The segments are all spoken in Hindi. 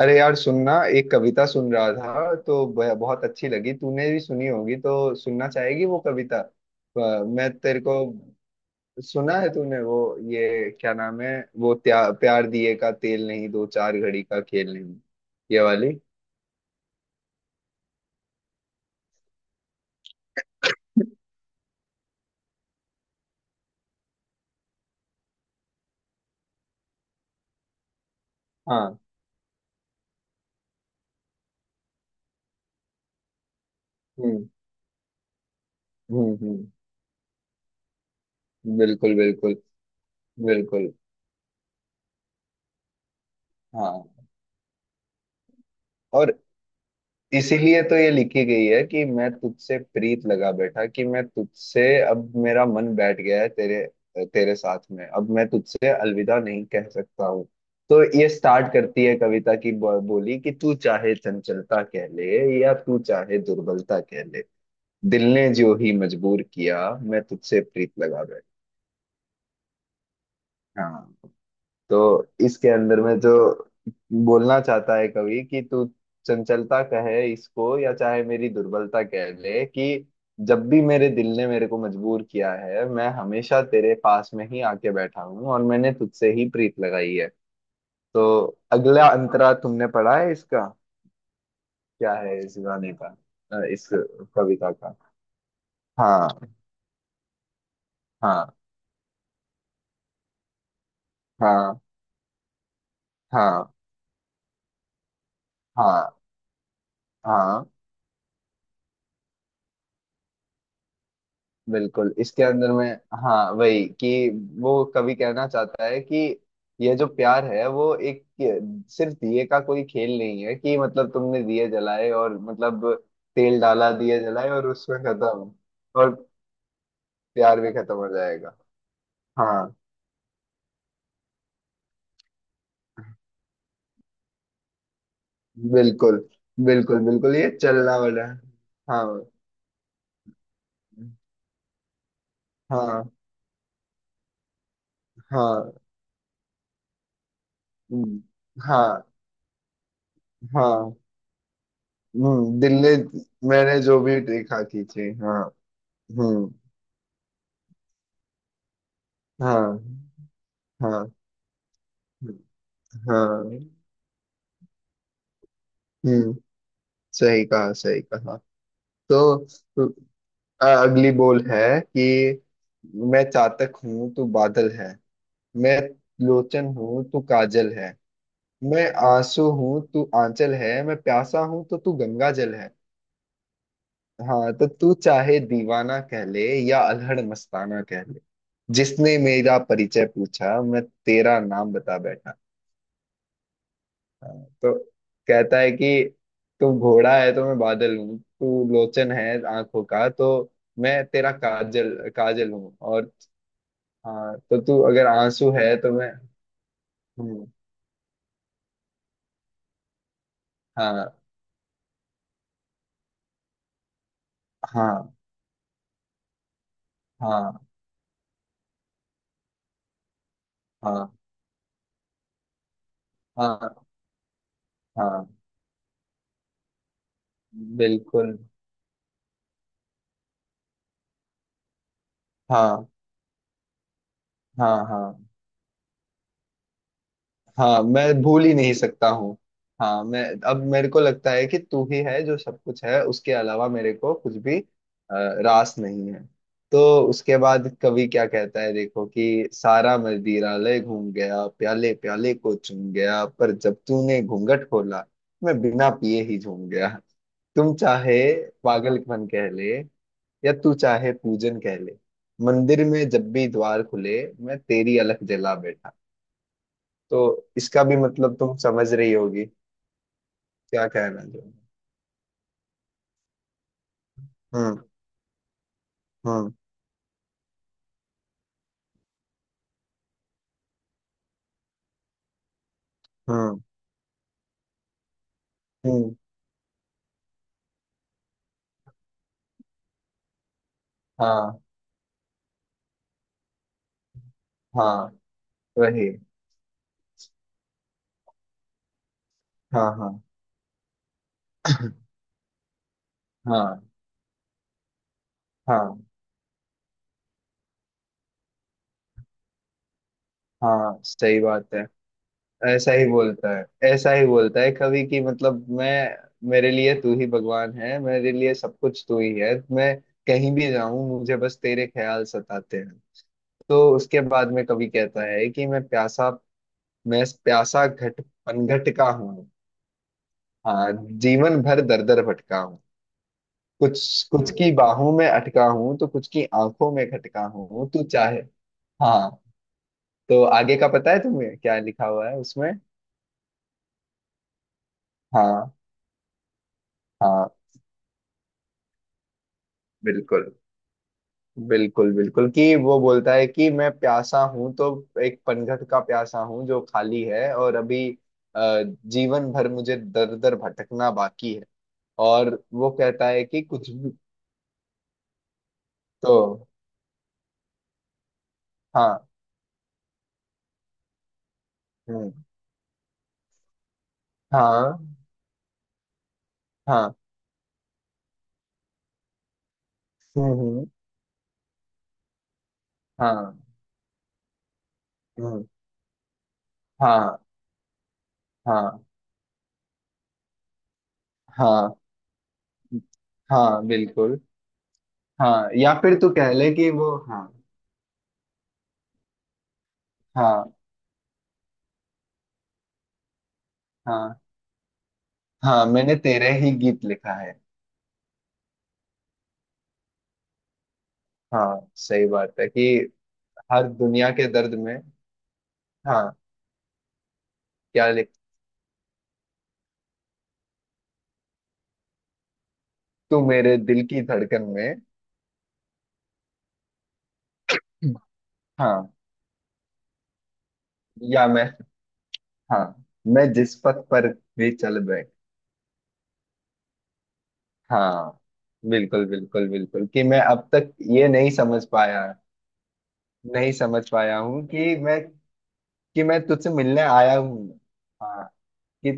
अरे यार, सुनना। एक कविता सुन रहा था तो बहुत अच्छी लगी। तूने भी सुनी होगी तो सुनना चाहेगी वो कविता। मैं तेरे को सुना है तूने वो? ये क्या नाम है वो? प्यार दिए का तेल नहीं, दो चार घड़ी का खेल नहीं। ये वाली। हाँ। हम्म, हम्म, हम्म। बिल्कुल, बिल्कुल, बिल्कुल। हाँ। और इसीलिए तो ये लिखी गई है कि मैं तुझसे प्रीत लगा बैठा, कि मैं तुझसे अब मेरा मन बैठ गया है। तेरे तेरे साथ में अब मैं तुझसे अलविदा नहीं कह सकता हूँ। तो ये स्टार्ट करती है कविता की बोली कि तू चाहे चंचलता कह ले, या तू चाहे दुर्बलता कह ले, दिल ने जो ही मजबूर किया, मैं तुझसे प्रीत लगा बैठा। हाँ। तो इसके अंदर में जो बोलना चाहता है कवि कि तू चंचलता कहे इसको या चाहे मेरी दुर्बलता कह ले, कि जब भी मेरे दिल ने मेरे को मजबूर किया है मैं हमेशा तेरे पास में ही आके बैठा हूँ, और मैंने तुझसे ही प्रीत लगाई है। तो अगला अंतरा तुमने पढ़ा है इसका? क्या है इस गाने का, इस कविता का? हाँ। हाँ। हाँ। हाँ। हाँ। हाँ, बिल्कुल। इसके अंदर में, हाँ, वही कि वो कभी कहना चाहता है कि यह जो प्यार है वो एक सिर्फ दिए का कोई खेल नहीं है, कि मतलब तुमने दिए जलाए और मतलब तेल डाला, दिए जलाए और उसमें खत्म, और प्यार भी खत्म हो जाएगा। हाँ। बिल्कुल, बिल्कुल, बिल्कुल, ये चलना वाला है। हाँ। हाँ। हाँ। हम्म। हाँ। हाँ। हम्म, दिल ने मैंने जो भी देखा की थी। हाँ। हम्म। हाँ। हाँ। हाँ। हम्म। सही कहा, सही कहा। तो तो, अगली बोल है कि मैं चातक हूँ तू बादल है, मैं लोचन हूँ तू काजल है, मैं आंसू हूँ तू आंचल है, मैं प्यासा हूँ तो तू गंगा जल है। हाँ, तो तू चाहे दीवाना कह ले, या अलहड़ मस्ताना कह ले, जिसने मेरा परिचय पूछा मैं तेरा नाम बता बैठा। हाँ। तो कहता है कि तू घोड़ा है तो मैं बादल हूँ, तू लोचन है आंखों का, तो मैं तेरा काजल काजल हूँ। और हाँ, तो तू अगर आंसू है तो मैं हूँ। हाँ। हाँ। हाँ। हाँ। हाँ। हाँ, बिल्कुल। हाँ। हाँ। हाँ। हाँ, मैं भूल ही नहीं सकता हूँ। हाँ, मैं अब मेरे को लगता है कि तू ही है जो सब कुछ है, उसके अलावा मेरे को कुछ भी रास नहीं है। तो उसके बाद कवि क्या कहता है, देखो, कि सारा मदिरा ले घूम गया, प्याले प्याले को चूम गया, पर जब तूने घूंघट खोला मैं बिना पिए ही झूम गया, तुम चाहे पागलपन कह ले, या तू चाहे पूजन कह ले, मंदिर में जब भी द्वार खुले मैं तेरी अलख जला बैठा। तो इसका भी मतलब तुम समझ रही होगी, क्या कहना चाहूँ। हम्म। हम्म। हम्म। हम्म। हाँ। हाँ, वही। हाँ। हाँ। हाँ। हाँ। हाँ, सही बात है। ऐसा ही बोलता है, ऐसा ही बोलता है कभी कि मतलब मैं मेरे लिए तू ही भगवान है, मेरे लिए सब कुछ तू ही है, मैं कहीं भी जाऊं मुझे बस तेरे ख्याल सताते हैं। तो उसके बाद में कभी कहता है कि मैं प्यासा, मैं प्यासा घट पनघट का हूँ। हाँ। जीवन भर दर दर भटका हूँ, कुछ कुछ की बाहों में अटका हूँ तो कुछ की आंखों में खटका हूँ, तू चाहे। हाँ। तो आगे का पता है तुम्हें क्या लिखा हुआ है उसमें? हाँ। हाँ। बिल्कुल, बिल्कुल, बिल्कुल कि वो बोलता है कि मैं प्यासा हूँ तो एक पनघट का प्यासा हूँ जो खाली है, और अभी जीवन भर मुझे दर दर भटकना बाकी है। और वो कहता है कि कुछ भी तो हाँ, हम्म, हाँ। हाँ। हम्म। हम्म। हाँ। हम्म। हाँ। हाँ। हाँ। हाँ, बिल्कुल। हाँ, या फिर तू कह ले कि वो हाँ। हाँ। हाँ। हाँ, मैंने तेरे ही गीत लिखा है। हाँ, सही बात है कि हर दुनिया के दर्द में। हाँ। क्या लिख, तू मेरे दिल की धड़कन में। हाँ। या मैं? हाँ, मैं जिस पथ पर भी चल बैठ। हाँ, बिल्कुल, बिल्कुल, बिल्कुल कि मैं अब तक ये नहीं समझ पाया, नहीं समझ पाया हूँ कि मैं, कि मैं तुझसे मिलने आया हूँ। हाँ। कि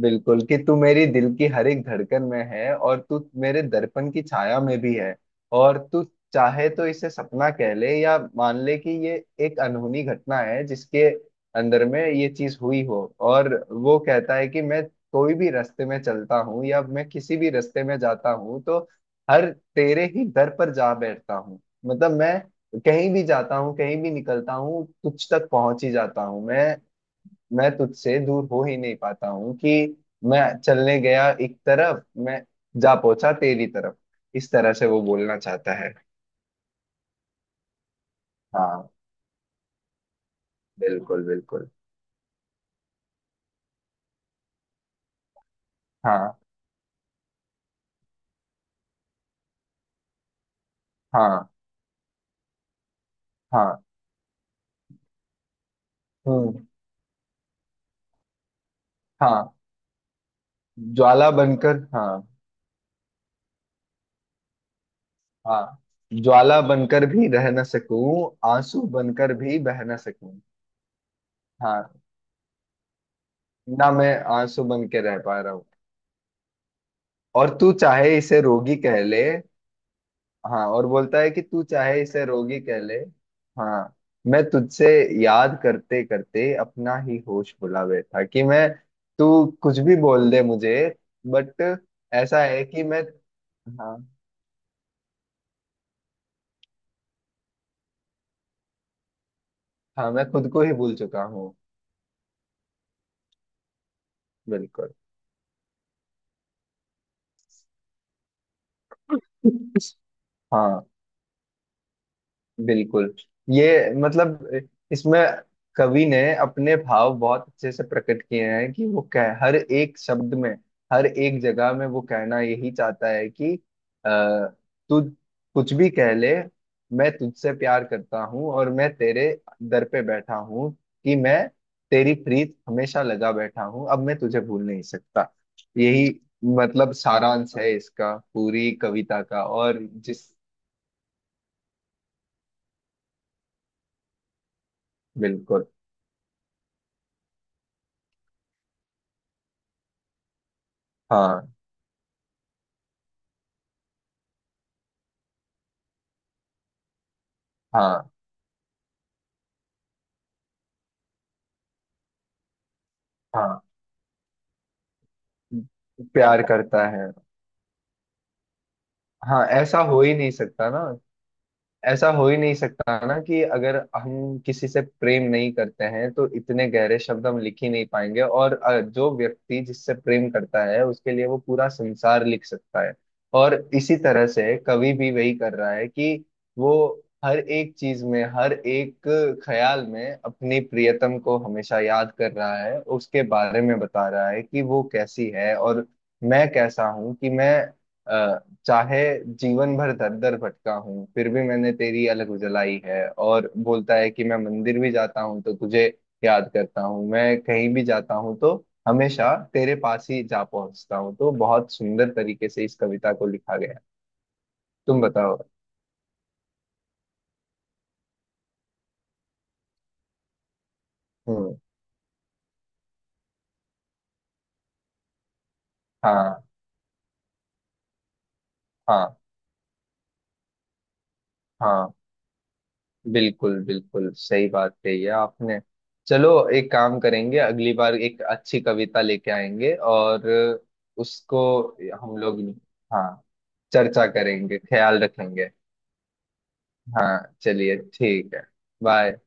बिल्कुल कि तू मेरी दिल की हर एक धड़कन में है, और तू मेरे दर्पण की छाया में भी है। और तू चाहे तो इसे सपना कह ले, या मान ले कि ये एक अनहोनी घटना है जिसके अंदर में ये चीज हुई हो। और वो कहता है कि मैं कोई भी रास्ते में चलता हूँ या मैं किसी भी रास्ते में जाता हूँ तो हर तेरे ही दर पर जा बैठता हूँ, मतलब मैं कहीं भी जाता हूँ, कहीं भी निकलता हूँ, तुझ तक पहुंच ही जाता हूँ मैं तुझसे दूर हो ही नहीं पाता हूँ, कि मैं चलने गया एक तरफ मैं जा पहुंचा तेरी तरफ। इस तरह से वो बोलना चाहता है। हाँ, बिल्कुल, बिल्कुल। हाँ। हाँ। हाँ। हम्म। हाँ। ज्वाला बनकर, हाँ। हाँ, ज्वाला बनकर भी रह न सकूं, आंसू बनकर भी बह न सकूं। हाँ। ना मैं आंसू बन के रह पा रहा हूँ। और तू चाहे इसे रोगी कह ले। हाँ, और बोलता है कि तू चाहे इसे रोगी कह ले। हाँ। मैं तुझसे याद करते करते अपना ही होश भुला बैठा, कि मैं तू कुछ भी बोल दे मुझे, बट ऐसा है कि मैं। हाँ। हाँ, मैं खुद को ही भूल चुका हूँ। बिल्कुल। हाँ। बिल्कुल। ये मतलब इसमें कवि ने अपने भाव बहुत अच्छे से प्रकट किए हैं कि वो कह हर एक शब्द में, हर एक जगह में वो कहना यही चाहता है कि अ, तू कुछ भी कह ले, मैं तुझसे प्यार करता हूँ और मैं तेरे दर पे बैठा हूँ, कि मैं तेरी प्रीत हमेशा लगा बैठा हूँ, अब मैं तुझे भूल नहीं सकता। यही मतलब सारांश है इसका, पूरी कविता का। और जिस बिल्कुल। हाँ। हाँ। हाँ, प्यार करता है। हाँ, ऐसा हो ही नहीं सकता ना, ऐसा हो ही नहीं सकता ना कि अगर हम किसी से प्रेम नहीं करते हैं तो इतने गहरे शब्द हम लिख ही नहीं पाएंगे। और जो व्यक्ति जिससे प्रेम करता है उसके लिए वो पूरा संसार लिख सकता है। और इसी तरह से कवि भी वही कर रहा है कि वो हर एक चीज में, हर एक ख्याल में अपनी प्रियतम को हमेशा याद कर रहा है, उसके बारे में बता रहा है कि वो कैसी है और मैं कैसा हूँ, कि मैं अ, चाहे जीवन भर दर दर भटका हूँ फिर भी मैंने तेरी अलग उजलाई है, और बोलता है कि मैं मंदिर भी जाता हूँ तो तुझे याद करता हूँ, मैं कहीं भी जाता हूँ तो हमेशा तेरे पास ही जा पहुंचता हूँ। तो बहुत सुंदर तरीके से इस कविता को लिखा गया है। तुम बताओ। हम्म। हाँ। हाँ। हाँ, बिल्कुल, बिल्कुल सही बात कही है आपने। चलो, एक काम करेंगे, अगली बार एक अच्छी कविता लेके आएंगे और उसको हम लोग, हाँ, चर्चा करेंगे, ख्याल रखेंगे। हाँ, चलिए ठीक है। बाय।